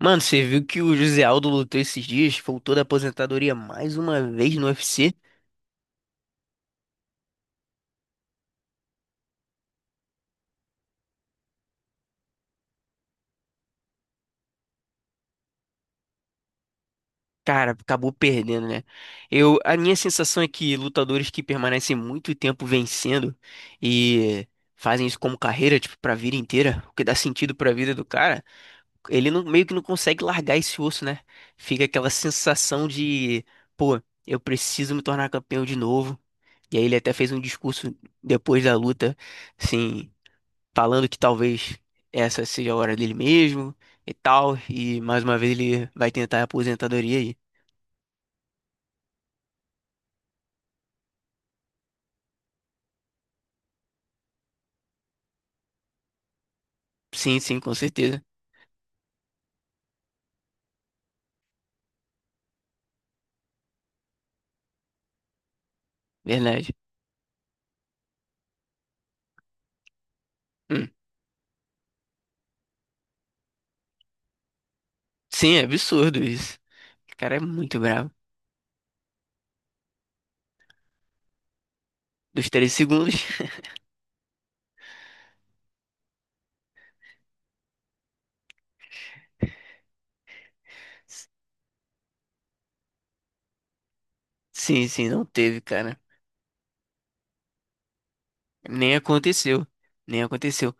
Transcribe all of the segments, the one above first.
Mano, você viu que o José Aldo lutou esses dias, voltou da aposentadoria mais uma vez no UFC? Cara, acabou perdendo, né? Eu, a minha sensação é que lutadores que permanecem muito tempo vencendo e fazem isso como carreira, tipo, pra vida inteira, o que dá sentido pra vida do cara, ele não- meio que não consegue largar esse osso, né? Fica aquela sensação de, pô, eu preciso me tornar campeão de novo. E aí ele até fez um discurso depois da luta, assim, falando que talvez essa seja a hora dele mesmo e tal, e mais uma vez ele vai tentar a aposentadoria aí. Sim, sim, com certeza. Verdade. Hum. Sim, é absurdo isso. O cara é muito bravo. Dos 3 segundos. Sim, sim, não teve, cara. Nem aconteceu. Nem aconteceu.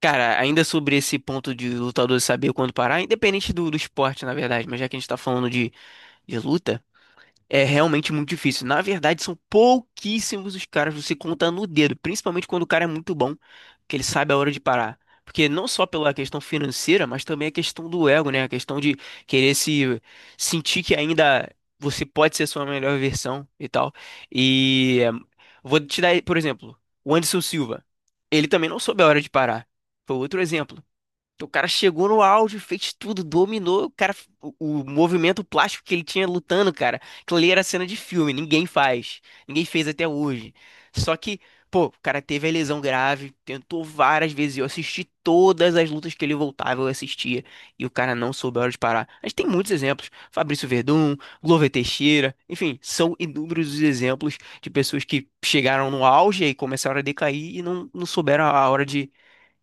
Cara, ainda sobre esse ponto de lutador saber quando parar, independente do esporte, na verdade, mas já que a gente tá falando de luta. É realmente muito difícil. Na verdade, são pouquíssimos os caras, você conta no dedo, principalmente quando o cara é muito bom, que ele sabe a hora de parar. Porque não só pela questão financeira, mas também a questão do ego, né? A questão de querer se sentir que ainda você pode ser sua melhor versão e tal. E é, vou te dar, por exemplo, o Anderson Silva. Ele também não soube a hora de parar. Foi outro exemplo. O cara chegou no auge, fez tudo, dominou. O cara, o, o movimento plástico que ele tinha lutando, cara, aquilo ali era cena de filme, ninguém faz, ninguém fez até hoje. Só que, pô, o cara teve a lesão grave, tentou várias vezes. Eu assisti todas as lutas que ele voltava, eu assistia, e o cara não soube a hora de parar. A gente tem muitos exemplos: Fabrício Verdun, Glover Teixeira, enfim, são inúmeros os exemplos de pessoas que chegaram no auge e começaram a decair e não, não souberam a hora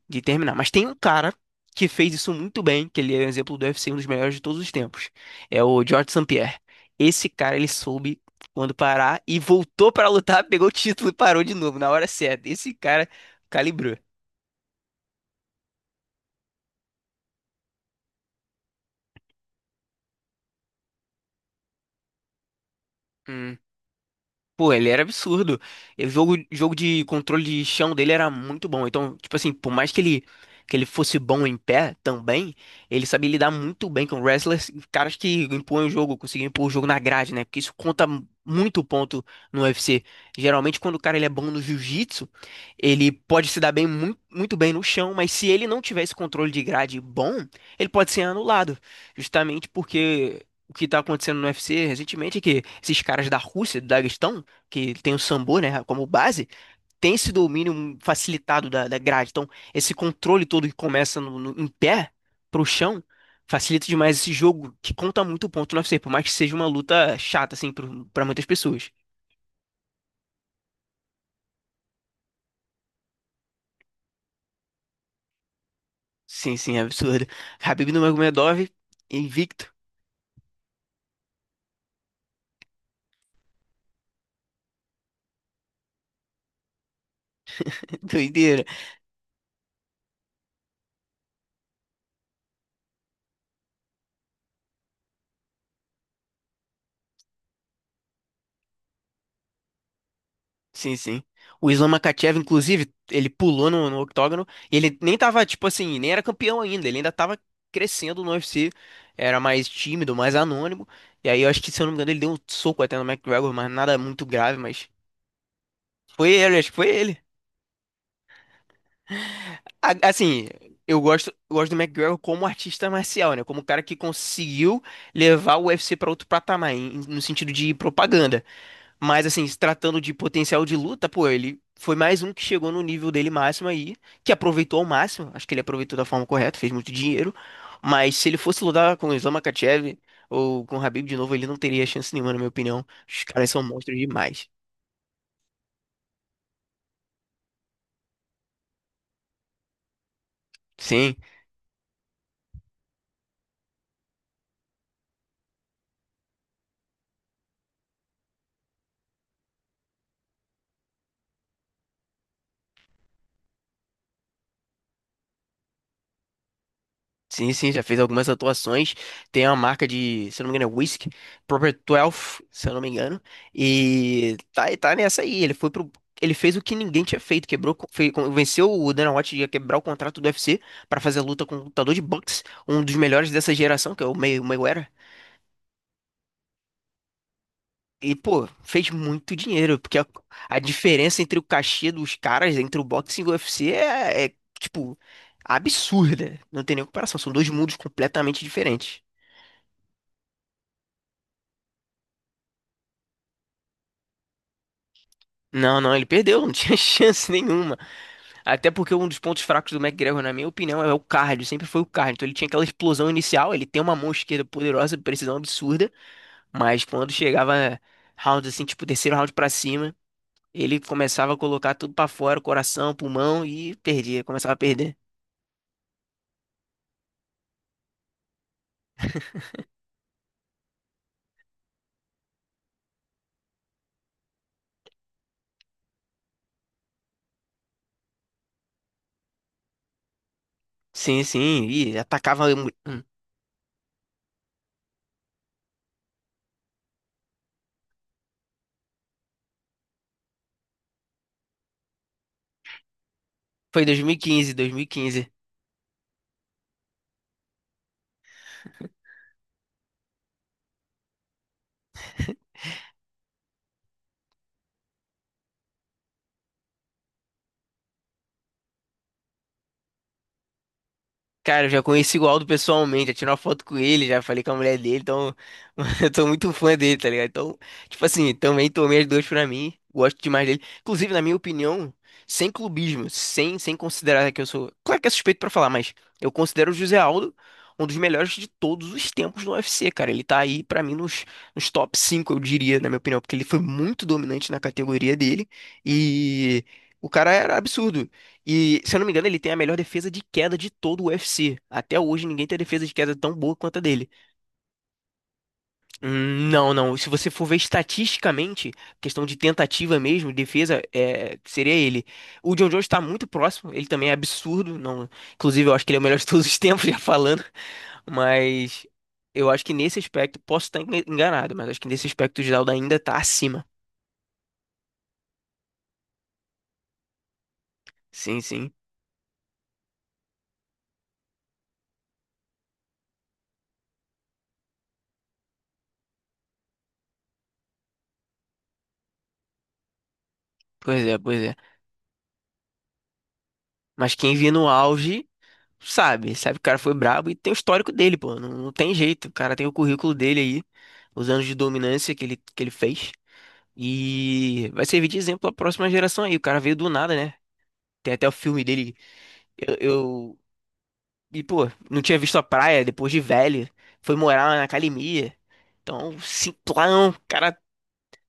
de terminar. Mas tem um cara que fez isso muito bem, que ele é um exemplo do UFC, um dos melhores de todos os tempos. É o George St. Pierre. Esse cara, ele soube quando parar e voltou pra lutar, pegou o título e parou de novo na hora certa. Esse cara calibrou. Pô, ele era absurdo. O jogo de controle de chão dele era muito bom. Então, tipo assim, por mais que ele fosse bom em pé também, ele sabia lidar muito bem com wrestlers, caras que impõem o jogo, conseguem impor o jogo na grade, né? Porque isso conta muito ponto no UFC. Geralmente, quando o cara ele é bom no jiu-jitsu, ele pode se dar bem muito, muito bem no chão, mas se ele não tiver esse controle de grade bom, ele pode ser anulado. Justamente porque. O que tá acontecendo no UFC recentemente é que esses caras da Rússia, do Daguestão, que tem o sambo, né, como base, tem esse domínio facilitado da grade. Então, esse controle todo que começa em pé pro chão facilita demais esse jogo que conta muito ponto no UFC, por mais que seja uma luta chata, assim, pra muitas pessoas. Sim, sim, é absurdo. Khabib Nurmagomedov, invicto, doideira. Sim, sim. O Islam Makhachev, inclusive, ele pulou no octógono e ele nem tava, tipo assim, nem era campeão ainda, ele ainda tava crescendo no UFC, era mais tímido, mais anônimo. E aí eu acho que, se eu não me engano, ele deu um soco até no McGregor, mas nada muito grave, mas foi ele, acho que foi ele. Assim, eu gosto do McGregor como artista marcial, né? Como um cara que conseguiu levar o UFC pra outro patamar, no sentido de propaganda. Mas, assim, se tratando de potencial de luta, pô, ele foi mais um que chegou no nível dele máximo aí, que aproveitou ao máximo. Acho que ele aproveitou da forma correta, fez muito dinheiro. Mas se ele fosse lutar com o Islam Makhachev ou com o Khabib de novo, ele não teria chance nenhuma, na minha opinião. Os caras são monstros demais. Sim. Sim, sim, já fez algumas atuações. Tem uma marca de, se eu não me engano, é Whisky, Proper 12, se eu não me engano. E tá nessa aí. Ele foi pro. Ele fez o que ninguém tinha feito, quebrou, fez, venceu o Dana White a quebrar o contrato do UFC pra fazer a luta com o lutador de boxe, um dos melhores dessa geração, que é o Mayweather. E, pô, fez muito dinheiro, porque a diferença entre o cachê dos caras, entre o boxe e o UFC, tipo, absurda. Não tem nem comparação, são dois mundos completamente diferentes. Não, não, ele perdeu, não tinha chance nenhuma. Até porque um dos pontos fracos do McGregor, na minha opinião, é o cardio, sempre foi o cardio. Então ele tinha aquela explosão inicial, ele tem uma mão esquerda poderosa, precisão absurda, mas quando chegava round assim, tipo terceiro round pra cima, ele começava a colocar tudo pra fora, coração, pulmão e perdia, começava a perder. Sim, sim, e atacava. Foi 2015, 2015. Cara, eu já conheci o Aldo pessoalmente, já tirei uma foto com ele, já falei com a mulher dele, então eu tô muito fã dele, tá ligado? Então, tipo assim, também tomei as duas pra mim, gosto demais dele. Inclusive, na minha opinião, sem clubismo, sem considerar que eu sou. Claro que é suspeito pra falar, mas eu considero o José Aldo um dos melhores de todos os tempos no UFC, cara. Ele tá aí pra mim nos top 5, eu diria, na minha opinião, porque ele foi muito dominante na categoria dele e. O cara era absurdo. E, se eu não me engano, ele tem a melhor defesa de queda de todo o UFC. Até hoje, ninguém tem defesa de queda tão boa quanto a dele. Hum. Não, não. Se você for ver estatisticamente, questão de tentativa mesmo, defesa, é, seria ele. O John Jones está muito próximo. Ele também é absurdo. Não, inclusive, eu acho que ele é o melhor de todos os tempos, já falando. Mas eu acho que nesse aspecto, posso estar enganado, mas acho que nesse aspecto, o Geraldo ainda está acima. Sim, sim. Pois é, pois é. Mas quem via no auge. Sabe, sabe que o cara foi brabo e tem o histórico dele, pô. Não, não tem jeito. O cara tem o currículo dele aí, os anos de dominância que ele fez. E vai servir de exemplo à próxima geração aí. O cara veio do nada, né? Tem até o filme dele. Eu, eu- E, pô, não tinha visto a praia depois de velho. Foi morar na academia. Então, simplão, cara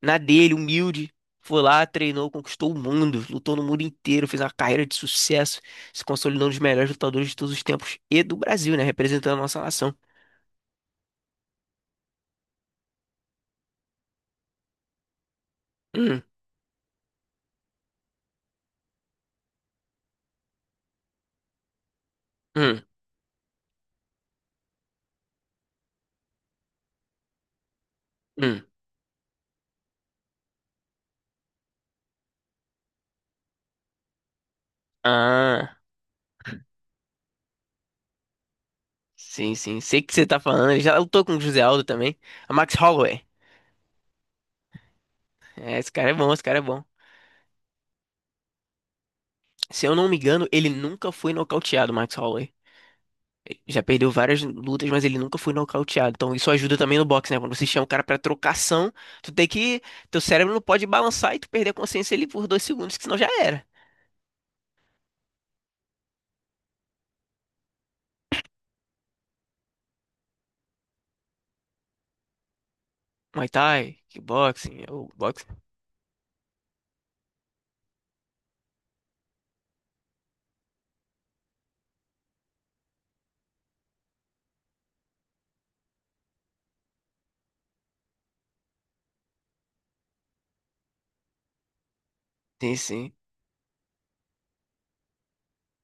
na dele, humilde. Foi lá, treinou, conquistou o mundo, lutou no mundo inteiro, fez uma carreira de sucesso, se consolidou um dos melhores lutadores de todos os tempos e do Brasil, né? Representando a nossa nação. Hum, hum, hum. Ah, sim, sim. Sei o que você tá falando. Ele já lutou com o José Aldo também. A Max Holloway. É, esse cara é bom, esse cara é bom. Se eu não me engano, ele nunca foi nocauteado, Max Holloway. Já perdeu várias lutas, mas ele nunca foi nocauteado. Então isso ajuda também no boxe, né? Quando você chama o cara pra trocação, tu tem que. Teu cérebro não pode balançar e tu perder a consciência ali por 2 segundos, que senão já era. Muay Thai, kickboxing, ou boxing. Sim, sim.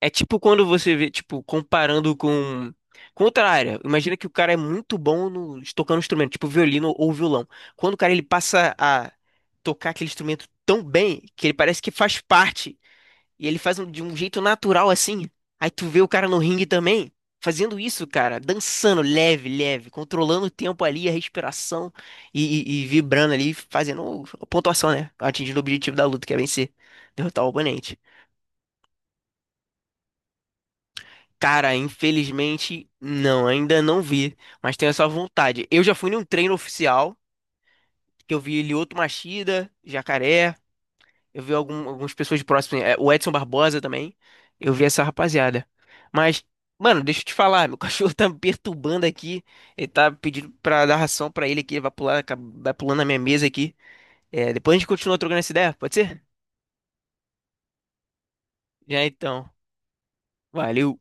É tipo quando você vê, tipo, comparando com. Com outra área. Imagina que o cara é muito bom no tocando um instrumento, tipo violino ou violão. Quando o cara ele passa a tocar aquele instrumento tão bem que ele parece que faz parte. E ele faz de um jeito natural assim. Aí tu vê o cara no ringue também, fazendo isso, cara, dançando leve, leve, controlando o tempo ali, a respiração e, e vibrando ali, fazendo a pontuação, né? Atingindo o objetivo da luta, que é vencer, derrotar o oponente. Cara, infelizmente, não, ainda não vi, mas tenho essa vontade. Eu já fui num treino oficial, que eu vi Lyoto Machida, Jacaré. Eu vi algumas pessoas próximas, é, o Edson Barbosa também. Eu vi essa rapaziada. Mas, mano, deixa eu te falar, meu cachorro tá me perturbando aqui. Ele tá pedindo pra dar ração pra ele aqui, ele vai pular, na vai pulando na minha mesa aqui. É, depois a gente continua trocando essa ideia, pode ser? Já então. Valeu.